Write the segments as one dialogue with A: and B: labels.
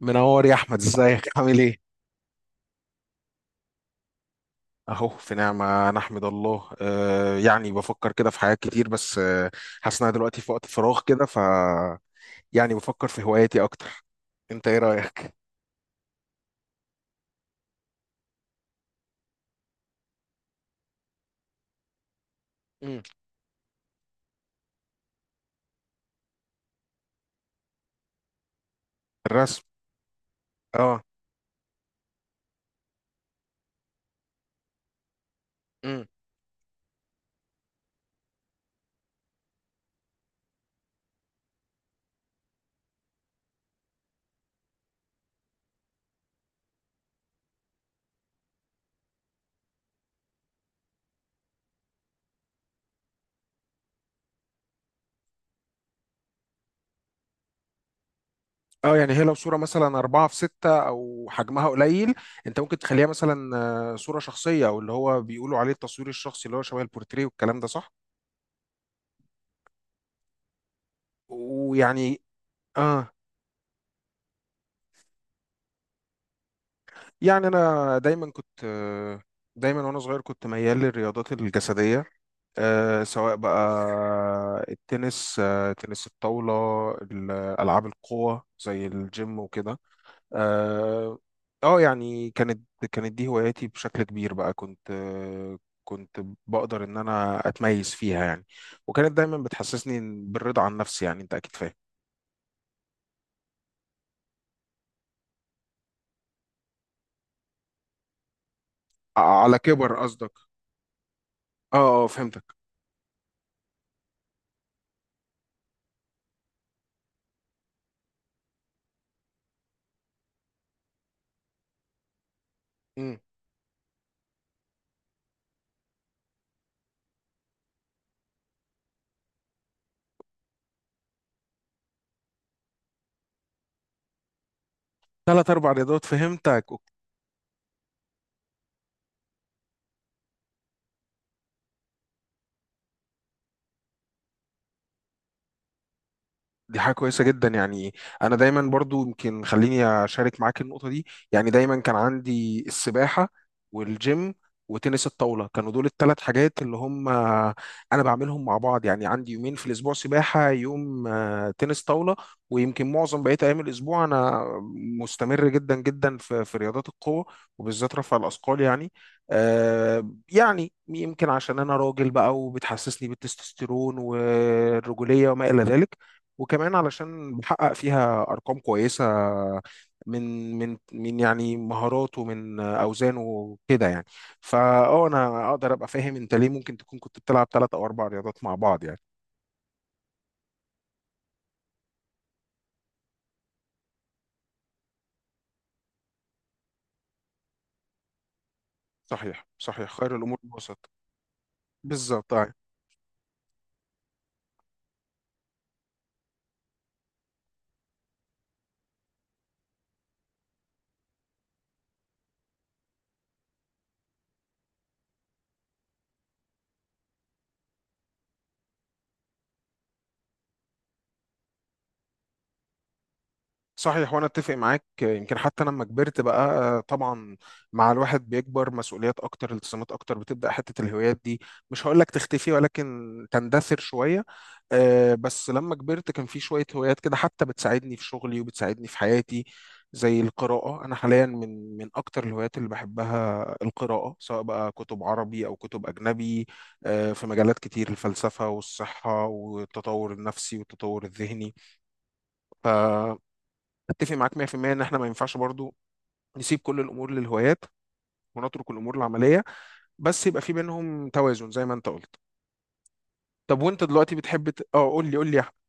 A: منور يا احمد، ازيك عامل ايه؟ اهو في نعمه نحمد الله. يعني بفكر كده في حاجات كتير، بس حاسس إن أنا دلوقتي في وقت فراغ كده يعني بفكر في هواياتي اكتر. انت ايه رايك؟ مم. الرسم. اه. مم. اه، يعني هي لو صوره مثلا أربعة في ستة أو حجمها قليل، أنت ممكن تخليها مثلا صورة شخصية، أو اللي هو بيقولوا عليه التصوير الشخصي اللي هو شبه البورتريه والكلام ده، صح؟ ويعني اه، يعني انا دايما كنت، دايما وانا صغير كنت ميال للرياضات الجسديه، سواء بقى التنس، تنس الطاوله، ال- العاب القوه زي الجيم وكده. اه. يعني كانت دي هواياتي بشكل كبير. بقى كنت كنت بقدر ان انا اتميز فيها يعني. وكانت دايما بتحسسني بالرضا عن نفسي، يعني انت اكيد فاهم. على كبر قصدك. اه اه فهمتك. مم. ثلاث اربع رياضات فهمتك. دي حاجة كويسة جدا يعني. أنا دايما برضو، يمكن خليني أشارك معاك النقطة دي. يعني دايما كان عندي السباحة والجيم وتنس الطاولة، كانوا دول الثلاث حاجات اللي هم أنا بعملهم مع بعض، يعني عندي يومين في الأسبوع سباحة، يوم تنس طاولة. ويمكن معظم بقية أيام الأسبوع أنا مستمر جدا جدا في رياضات القوة، وبالذات رفع الأثقال يعني. يعني يمكن عشان أنا راجل بقى، وبتحسسني بالتستوستيرون والرجولية وما إلى ذلك. وكمان علشان بحقق فيها ارقام كويسه، من يعني مهاراته، من اوزانه كده يعني. فاه انا اقدر ابقى فاهم انت ليه ممكن تكون كنت بتلعب ثلاث او اربع رياضات مع بعض يعني. صحيح، صحيح، خير الامور الوسط، بالظبط آه. صحيح، وانا اتفق معاك. يمكن حتى لما كبرت بقى طبعا، مع الواحد بيكبر مسؤوليات اكتر، التزامات اكتر، بتبدا حته الهوايات دي، مش هقول لك تختفي، ولكن تندثر شويه. بس لما كبرت كان في شويه هوايات كده حتى بتساعدني في شغلي وبتساعدني في حياتي، زي القراءه. انا حاليا من اكتر الهوايات اللي بحبها القراءه، سواء بقى كتب عربي او كتب اجنبي، في مجالات كتير، الفلسفه والصحه والتطور النفسي والتطور الذهني. اتفق معاك 100% ان احنا ما ينفعش برضو نسيب كل الامور للهوايات، ونترك الامور العمليه. بس يبقى في بينهم توازن زي ما انت قلت. طب وانت دلوقتي بتحب قول لي، قول لي يا أحمد.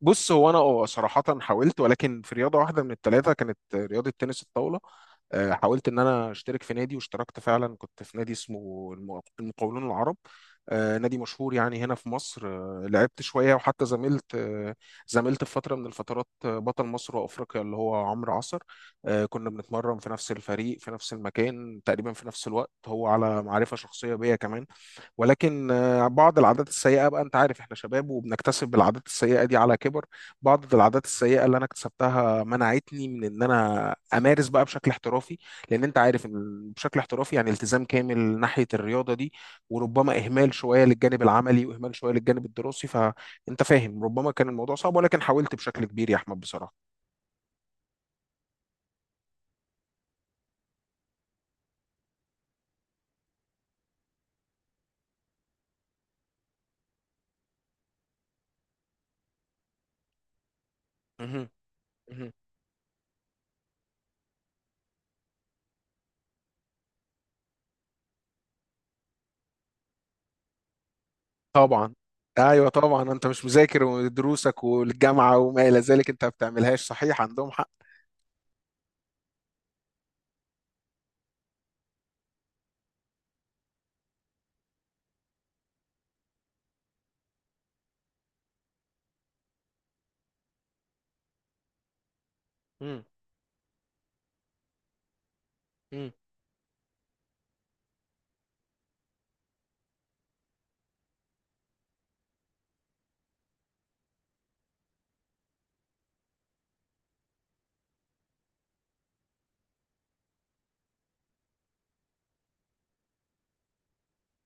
A: بص هو انا اه صراحه حاولت، ولكن في رياضه واحده من الثلاثه كانت رياضه تنس الطاوله. حاولت ان انا اشترك في نادي، واشتركت فعلا، كنت في نادي اسمه المقاولون العرب، نادي مشهور يعني هنا في مصر. لعبت شويه، وحتى زميلت في فتره من الفترات، بطل مصر وافريقيا، اللي هو عمرو عصر. كنا بنتمرن في نفس الفريق في نفس المكان تقريبا في نفس الوقت. هو على معرفه شخصيه بيا كمان. ولكن بعض العادات السيئة بقى، أنت عارف إحنا شباب وبنكتسب العادات السيئة دي على كبر. بعض العادات السيئة اللي أنا اكتسبتها منعتني من إن أنا أمارس بقى بشكل احترافي. لأن أنت عارف إن بشكل احترافي يعني التزام كامل ناحية الرياضة دي، وربما إهمال شوية للجانب العملي، وإهمال شوية للجانب الدراسي. فأنت فاهم ربما كان الموضوع صعب، ولكن حاولت بشكل كبير يا أحمد بصراحة. مهم. مهم. طبعا. ايوه طبعا، انت مش مذاكر ودروسك والجامعه وما الى ذلك، انت ما بتعملهاش، صحيح عندهم حق. مم.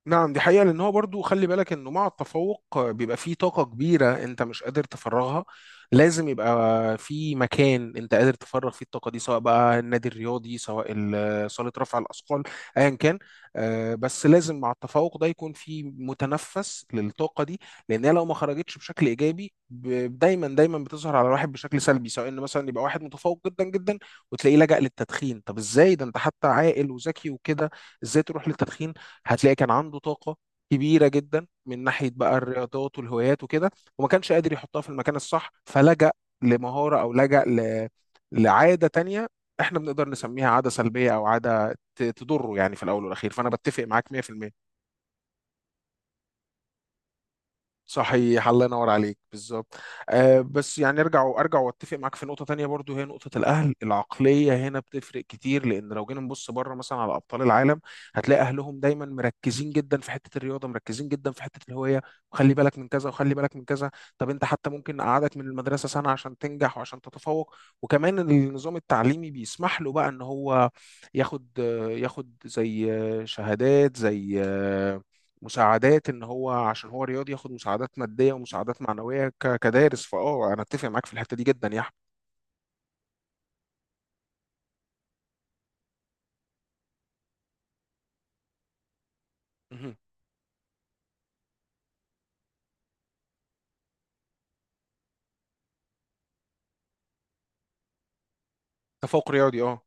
A: نعم، دي حقيقة. لأن هو برضو خلي بالك إنه مع التفوق بيبقى فيه طاقة كبيرة أنت مش قادر تفرغها. لازم يبقى في مكان أنت قادر تفرغ فيه الطاقة دي، سواء بقى النادي الرياضي، سواء صالة رفع الأثقال، أيا كان. بس لازم مع التفوق ده يكون في متنفس للطاقة دي. لأن هي لو ما خرجتش بشكل إيجابي دايما دايما بتظهر على الواحد بشكل سلبي. سواء إن مثلا يبقى واحد متفوق جدا جدا، وتلاقيه لجأ للتدخين. طب إزاي ده، أنت حتى عاقل وذكي وكده، إزاي تروح للتدخين؟ هتلاقي كان عنده طاقة كبيرة جدا من ناحية بقى الرياضات والهوايات وكده، وما كانش قادر يحطها في المكان الصح، فلجأ لمهارة، أو لجأ لعادة تانية احنا بنقدر نسميها عادة سلبية، أو عادة تضره يعني في الأول والأخير. فأنا بتفق معاك مية في المية. صحيح، الله ينور عليك، بالظبط. آه، بس يعني ارجع، واتفق معاك في نقطه تانية برضو. هي نقطه الاهل، العقليه هنا بتفرق كتير. لان لو جينا نبص بره مثلا على ابطال العالم، هتلاقي اهلهم دايما مركزين جدا في حته الرياضه، مركزين جدا في حته الهوايه، وخلي بالك من كذا، وخلي بالك من كذا. طب انت حتى ممكن اقعدك من المدرسه سنه عشان تنجح وعشان تتفوق. وكمان النظام التعليمي بيسمح له بقى ان هو ياخد، ياخد زي شهادات، زي مساعدات. ان هو عشان هو رياضي ياخد مساعدات ماديه ومساعدات معنويه كدارس. فاه انا اتفق معاك في الحته دي جدا يا احمد. مهم. تفوق رياضي اه.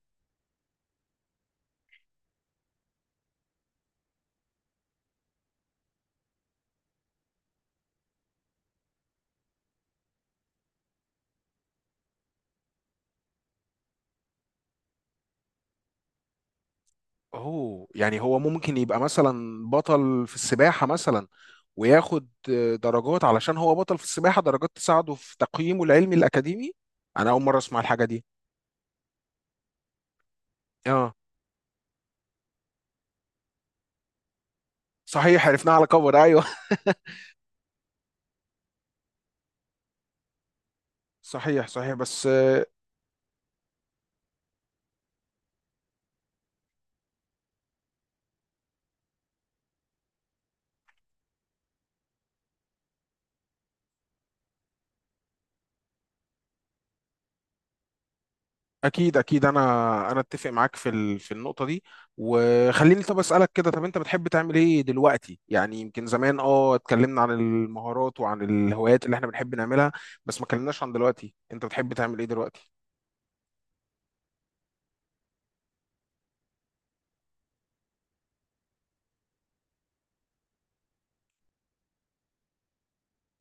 A: اوه، يعني هو ممكن يبقى مثلا بطل في السباحه مثلا، وياخد درجات علشان هو بطل في السباحه، درجات تساعده في تقييمه العلمي الاكاديمي. انا اول مره اسمع الحاجه دي. اه. صحيح، عرفناها على كبر ايوه. صحيح صحيح بس. اكيد اكيد. انا اتفق معاك في في النقطه دي. وخليني طب اسالك كده، طب انت بتحب تعمل ايه دلوقتي؟ يعني يمكن زمان اه اتكلمنا عن المهارات وعن الهوايات اللي احنا بنحب نعملها، بس ما اتكلمناش عن دلوقتي انت بتحب تعمل ايه دلوقتي.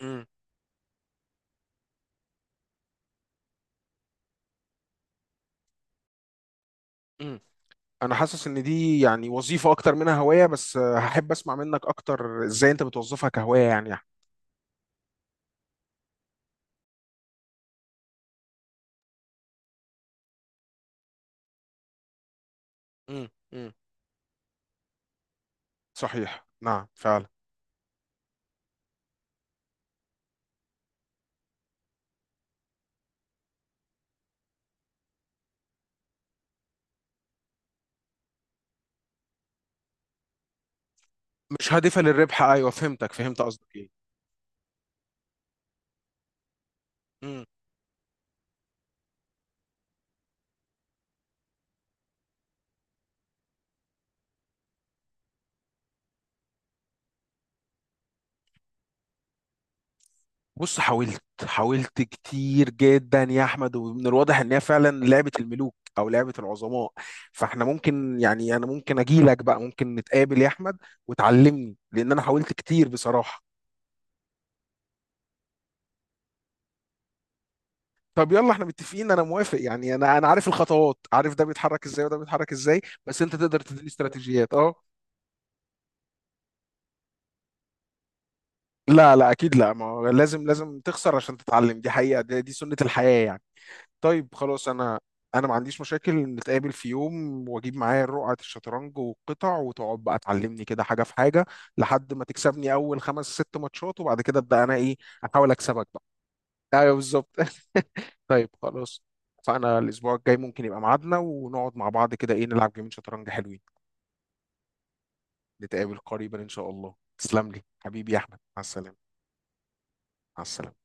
A: امم. امم. انا حاسس ان دي يعني وظيفه اكتر منها هوايه، بس هحب اسمع منك اكتر ازاي انت بتوظفها كهوايه يعني امم. امم. صحيح، نعم فعلا. مش هادفه للربح، ايوه فهمتك، فهمت قصدك ايه. بص حاولت كتير جدا يا احمد، ومن الواضح ان هي فعلا لعبه الملوك او لعبه العظماء. فاحنا ممكن، يعني انا ممكن اجي لك بقى، ممكن نتقابل يا احمد وتعلمني، لان انا حاولت كتير بصراحه. طب يلا احنا متفقين، انا موافق. يعني انا عارف الخطوات، عارف ده بيتحرك ازاي وده بيتحرك ازاي، بس انت تقدر تديني استراتيجيات اه. لا لا اكيد لا، ما هو لازم لازم تخسر عشان تتعلم. دي حقيقه دي, سنه الحياه يعني. طيب خلاص انا، انا ما عنديش مشاكل، نتقابل في يوم واجيب معايا رقعة الشطرنج والقطع، وتقعد بقى تعلمني كده حاجة في حاجة لحد ما تكسبني اول خمس ست ماتشات. وبعد كده ابدا انا ايه، احاول اكسبك بقى. ايوه بالظبط. طيب خلاص. فانا الاسبوع الجاي ممكن يبقى ميعادنا، ونقعد مع بعض كده ايه، نلعب جيمين شطرنج حلوين. نتقابل قريبا ان شاء الله. تسلم لي حبيبي يا احمد. مع السلامة. مع السلامة.